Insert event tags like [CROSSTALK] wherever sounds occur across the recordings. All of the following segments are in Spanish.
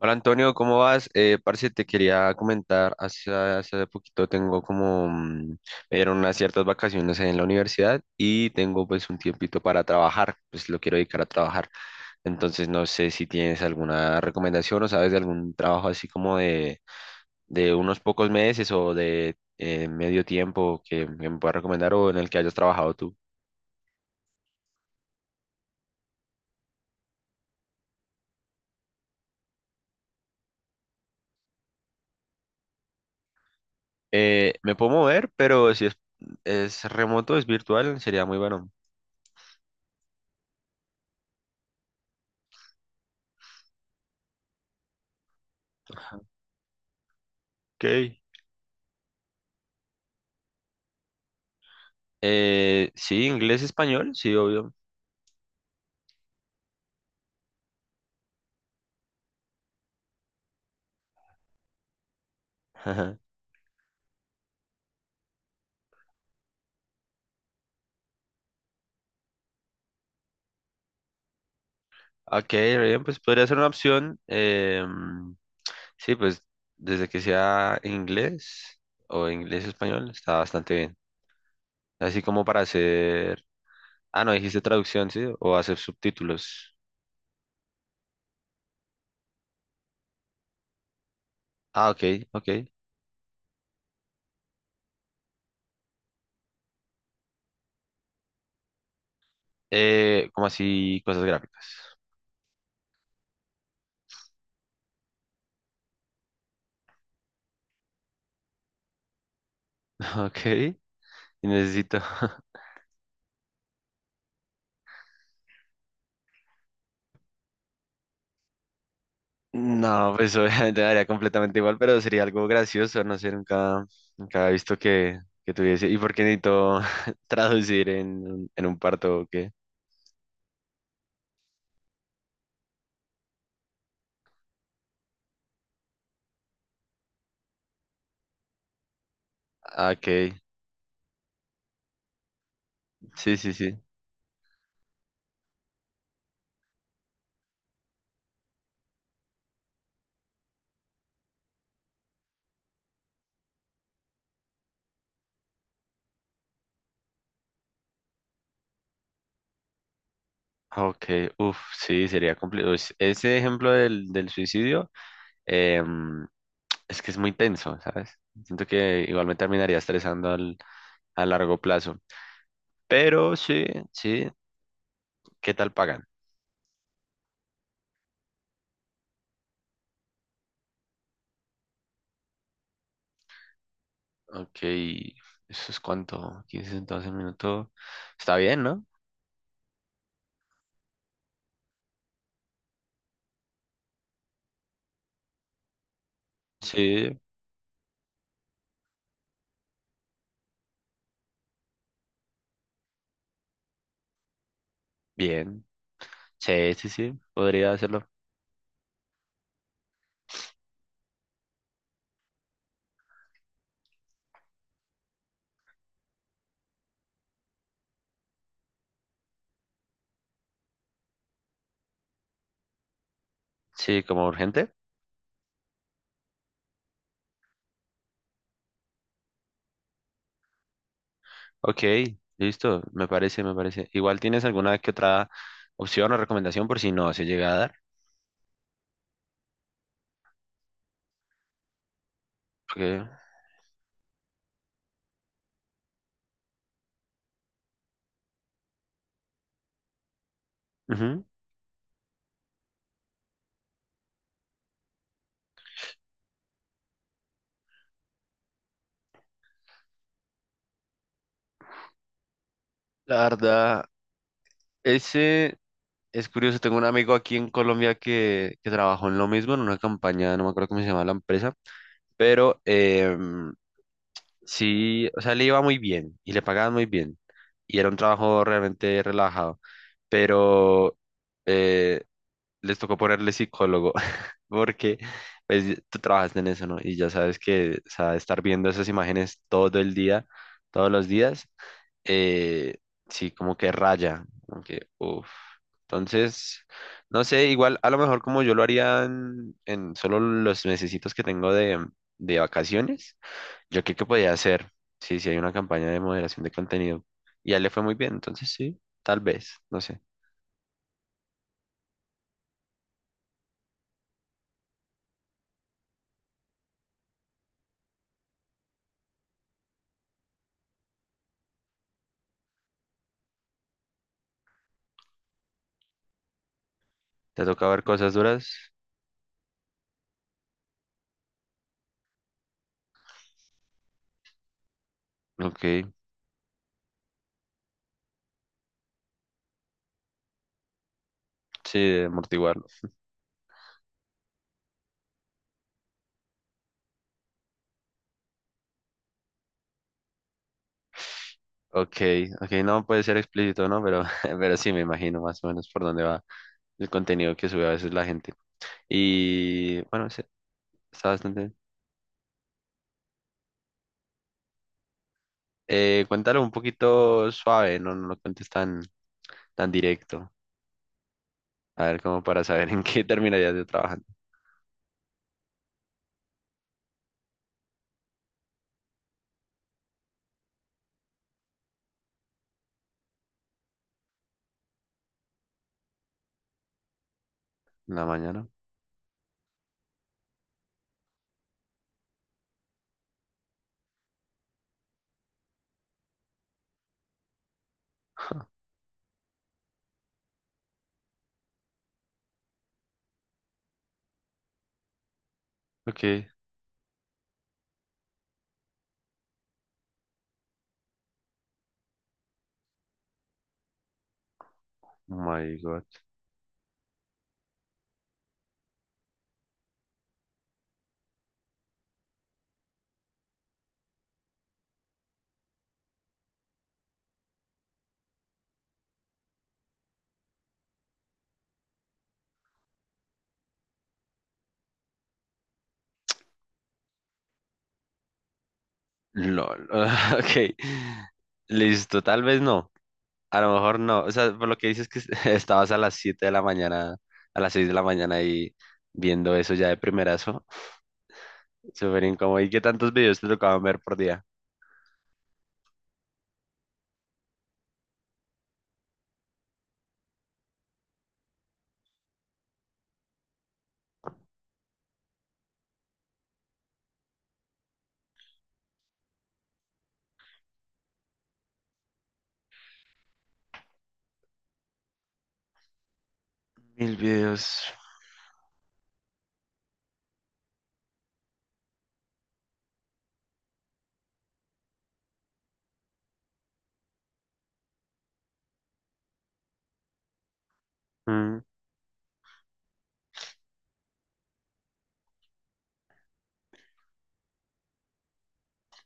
Hola Antonio, ¿cómo vas? Parce, te quería comentar, hace poquito tengo como, me dieron unas ciertas vacaciones en la universidad y tengo pues un tiempito para trabajar, pues lo quiero dedicar a trabajar. Entonces no sé si tienes alguna recomendación o sabes de algún trabajo así como de unos pocos meses o de medio tiempo que me puedas recomendar o en el que hayas trabajado tú. Me puedo mover, pero si es, es remoto, es virtual, sería muy bueno. Ok. Sí, inglés, español, sí, obvio. [LAUGHS] Ajá. Ok, re bien, pues podría ser una opción. Sí, pues desde que sea inglés o inglés, español, está bastante bien. Así como para hacer... Ah, no, dijiste traducción, sí, o hacer subtítulos. Ah, ok, ok. Como así, cosas gráficas. [LAUGHS] Ok, y necesito. [LAUGHS] No, pues [LAUGHS] obviamente me daría completamente igual, pero sería algo gracioso, no sé, nunca, nunca he visto que tuviese. ¿Y por qué necesito [LAUGHS] traducir en un parto o qué? Ah, ok, sí, sí, sí. Ok, uff, sí, sería complicado. Ese ejemplo del, del suicidio em, es que es muy tenso, ¿sabes? Siento que igual me terminaría estresando al, a largo plazo. Pero sí, sí, ¿qué tal pagan? Ok, eso es cuánto, 15, 12 minutos. Está bien, ¿no? Sí, bien. Sí, sí, sí, podría hacerlo. Sí, como urgente. Ok, listo, me parece, me parece. Igual tienes alguna que otra opción o recomendación por si no se llega a dar. Porque, ujú. La verdad, ese es curioso. Tengo un amigo aquí en Colombia que trabajó en lo mismo, en una campaña, no me acuerdo cómo se llama la empresa, pero sí, o sea, le iba muy bien y le pagaban muy bien. Y era un trabajo realmente relajado. Pero... eh, les tocó ponerle psicólogo, [LAUGHS] porque pues, tú trabajaste en eso, ¿no? Y ya sabes que, o sea, estar viendo esas imágenes todo el día, todos los días, eh, sí, como que raya, como que, uff. Entonces, no sé, igual a lo mejor como yo lo haría en solo los mesecitos que tengo de vacaciones, yo creo que podía hacer, sí, sí hay una campaña de moderación de contenido. Y a él le fue muy bien, entonces sí, tal vez, no sé. Te toca ver cosas duras. Ok. Sí, de amortiguarlo. Ok, ok, no puede ser explícito, ¿no? Pero, [LAUGHS] pero sí, me imagino más o menos por dónde va el contenido que sube a veces la gente. Y bueno, sí, está bastante bien. Cuéntalo un poquito suave, no, no lo cuentes tan, tan directo. A ver, como para saber [LAUGHS] en qué terminarías de trabajar en la mañana. Ok, oh my God. LOL. [LAUGHS] Ok, listo, tal vez no. A lo mejor no, o sea, por lo que dices que [LAUGHS] estabas a las 7 de la mañana, a las 6 de la mañana y viendo eso ya de primerazo, súper incómodo. ¿Y qué tantos videos te tocaban ver por día? Mil videos. Mm.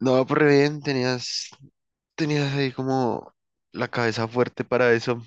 No, por re bien, tenías, tenías ahí como la cabeza fuerte para eso.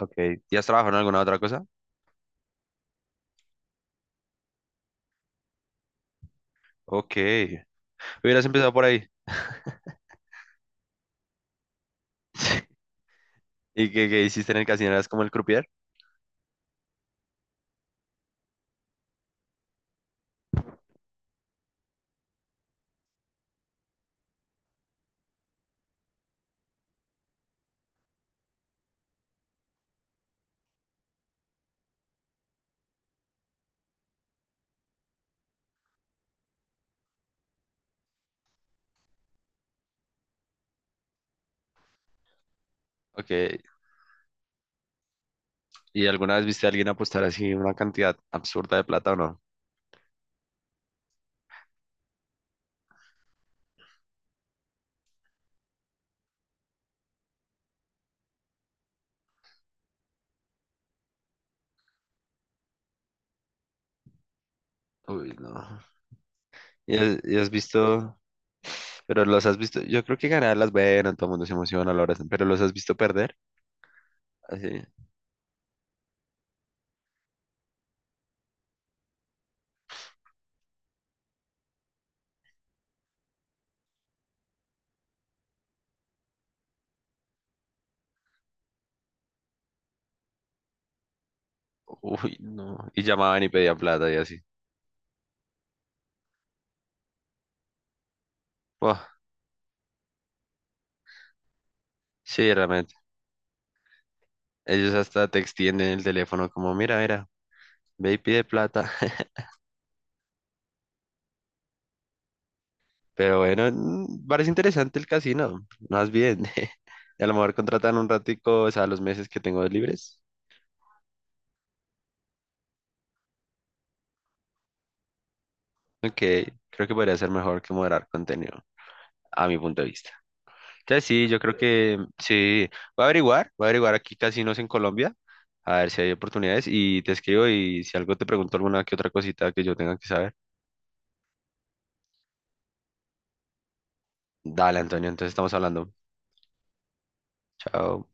Ok, ¿ya has trabajado en alguna otra cosa? Ok, hubieras empezado por ahí. ¿Y qué, qué hiciste en el casino? ¿Eras como el croupier? Ok, ¿y alguna vez viste a alguien apostar así una cantidad absurda de plata o no? Uy, no. Y has visto, pero los has visto, yo creo que ganar las bueno, todo el mundo se emociona, lo abrazan, pero los has visto perder, así, uy, no, y llamaban y pedían plata y así, buah, sí, realmente, ellos hasta te extienden el teléfono como, mira, mira, ve y pide plata, [LAUGHS] pero bueno, mm, parece interesante el casino, más bien, [LAUGHS] a lo mejor contratan un ratico, o sea, los meses que tengo libres, ok, creo que podría ser mejor que moderar contenido, a mi punto de vista. Entonces sí, yo creo que mm, sí. Voy a averiguar aquí casinos en Colombia, a ver si hay oportunidades y te escribo y si algo te pregunto alguna que otra cosita que yo tenga que saber. Dale, Antonio, entonces estamos hablando. Chao.